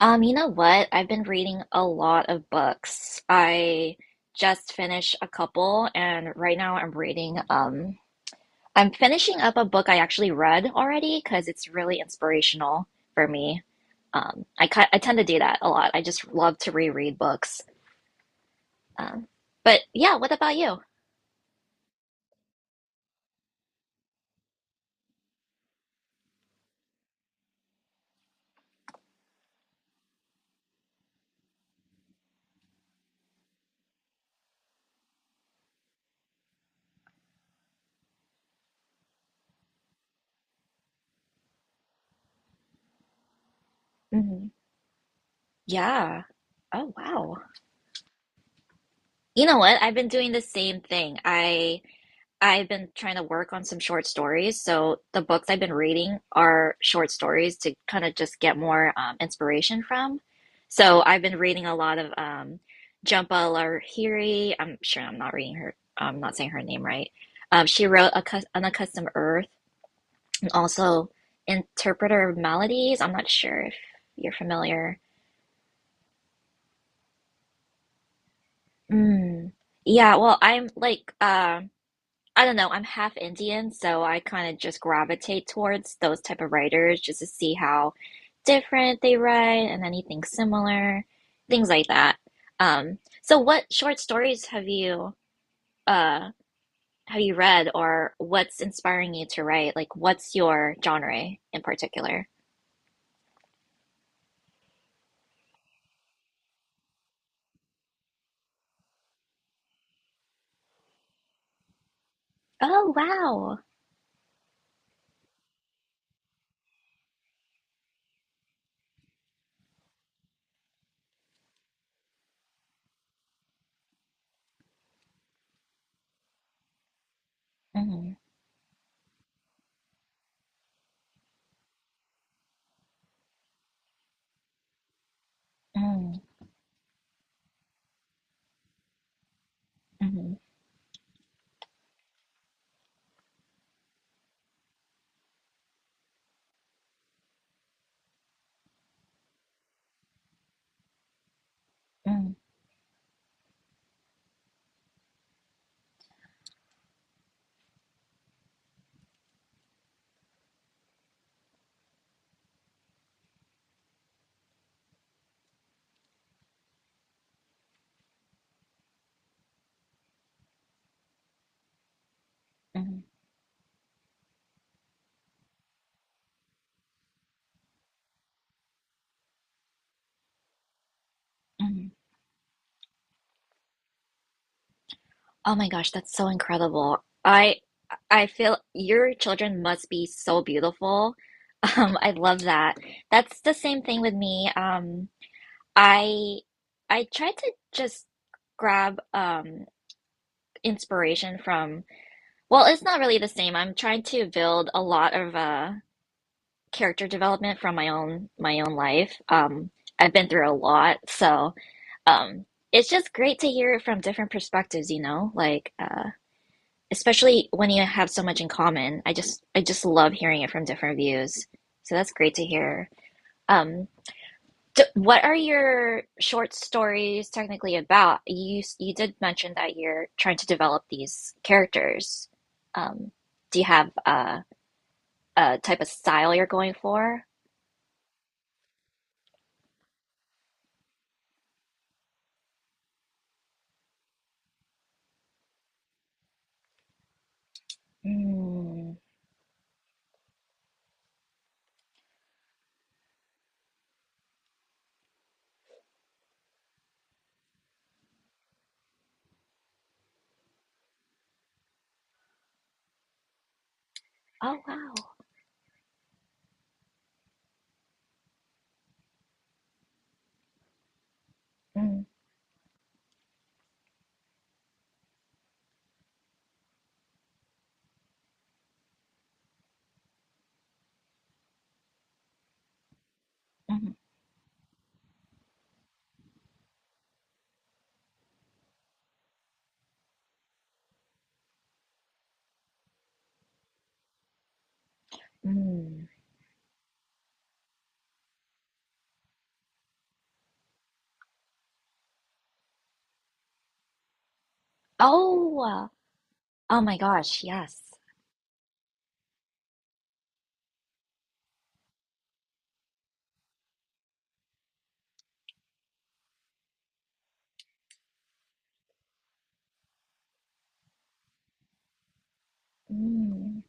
You know what? I've been reading a lot of books. I just finished a couple, and right now I'm reading, I'm finishing up a book I actually read already because it's really inspirational for me. I tend to do that a lot. I just love to reread books. Um, but yeah, what about you? Hmm. Yeah. Oh, wow. You know what? I've been doing the same thing. I've been trying to work on some short stories. So the books I've been reading are short stories to kind of just get more inspiration from. So I've been reading a lot of Jhumpa Lahiri. I'm sure I'm not reading her. I'm not saying her name right. She wrote a Unaccustomed Earth and also Interpreter of Maladies*. I'm not sure if you're familiar. Mm. Yeah, well, I'm like, I don't know. I'm half Indian, so I kind of just gravitate towards those type of writers just to see how different they write and anything similar, things like that. So what short stories have you uh have you read or what's inspiring you to write? Like what's your genre in particular? Oh, wow. Mm-hmm, mm-hmm, mm-hmm, mm-hmm, mm-hmm. Oh my gosh, that's so incredible. I I feel your children must be so beautiful. I love that. That's the same thing with me. I I try to just grab inspiration from, well, it's not really the same. I'm trying to build a lot of character development from my own life. I've been through a lot, so um it's just great to hear it from different perspectives, you know? Like especially when you have so much in common. I just love hearing it from different views. So that's great to hear. Um, d What are your short stories technically about? You did mention that you're trying to develop these characters. Um, do you have a type of style you're going for? Mm. Oh wow. Mm, mm, mm. Oh, oh my gosh, yes. Mm,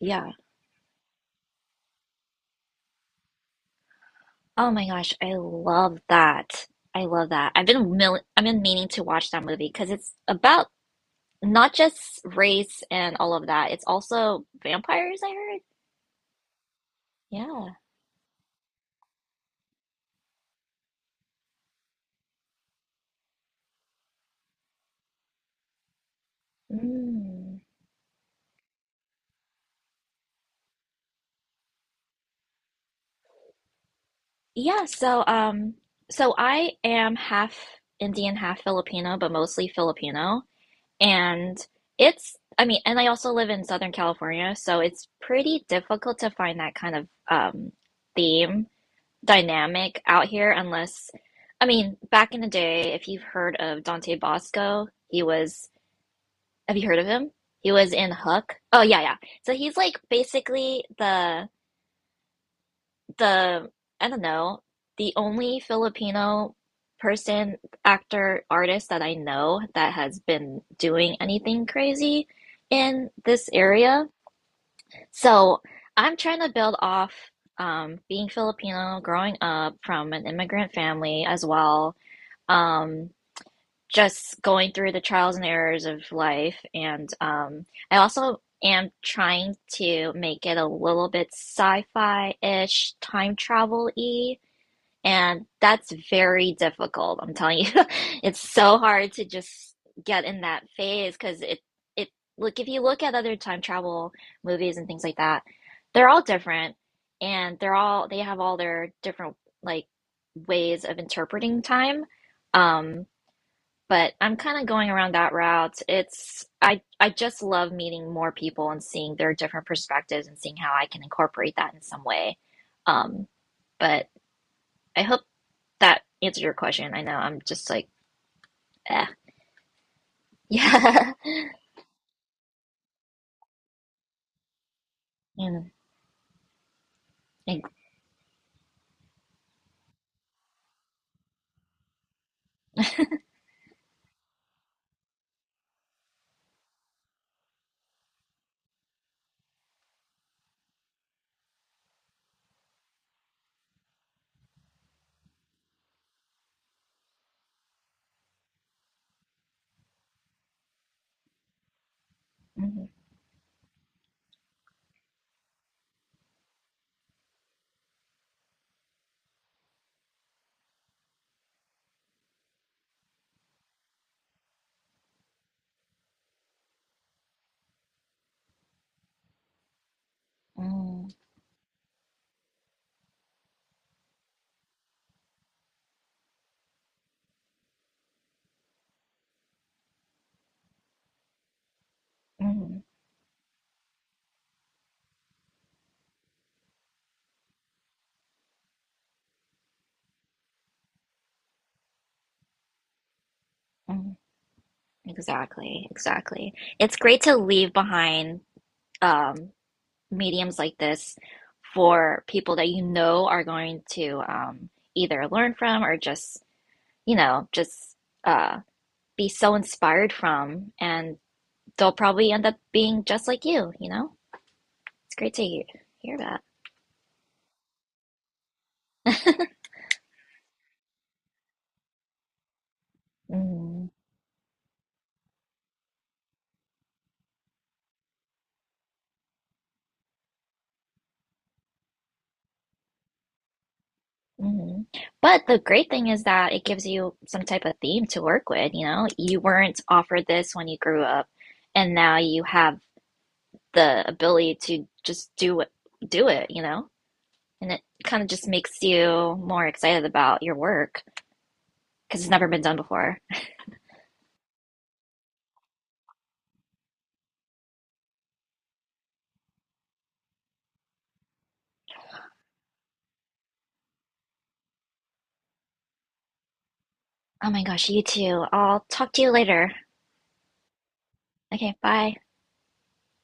yeah. Oh my gosh, I love that. I love that. I've been meaning to watch that movie because it's about not just race and all of that. It's also vampires, I heard. Yeah. Mm. Yeah, so, so I am half Indian, half Filipino, but mostly Filipino. And it's I mean, and I also live in Southern California, so it's pretty difficult to find that kind of theme dynamic out here unless I mean, back in the day, if you've heard of Dante Bosco, he was have you heard of him? He was in Hook. Oh yeah, yeah. So he's like basically the, I don't know, the only Filipino person, actor, artist that I know that has been doing anything crazy in this area. So I'm trying to build off being Filipino, growing up from an immigrant family as well um, just going through the trials and errors of life. And I also am trying to make it a little bit sci-fi-ish, time travel-y, and that's very difficult. I'm telling you, it's so hard to just get in that phase because it, look if you look at other time travel movies and things like that, they're all different and they have all their different like ways of interpreting time. Um, but I'm kind of going around that route. It's I just love meeting more people and seeing their different perspectives and seeing how I can incorporate that in some way. Um, but I hope that answered your question. I know I'm just like, eh, yeah, mm, ex- mm, mm, mm, mm. Exactly, exactly. It's great to leave behind um, mediums like this for people that you know are going to either learn from or just you know, just uh, be so inspired from, and they'll probably end up being just like you know? It's great to hear, hear that. Hmm. Hmm. But the great thing is that it gives you some type of theme to work with, you know? You weren't offered this when you grew up, and now you have the ability to just do it, you know? And it kind of just makes you more excited about your work because it's never been done before. Oh my gosh, you too. I'll talk to you later. Okay, bye.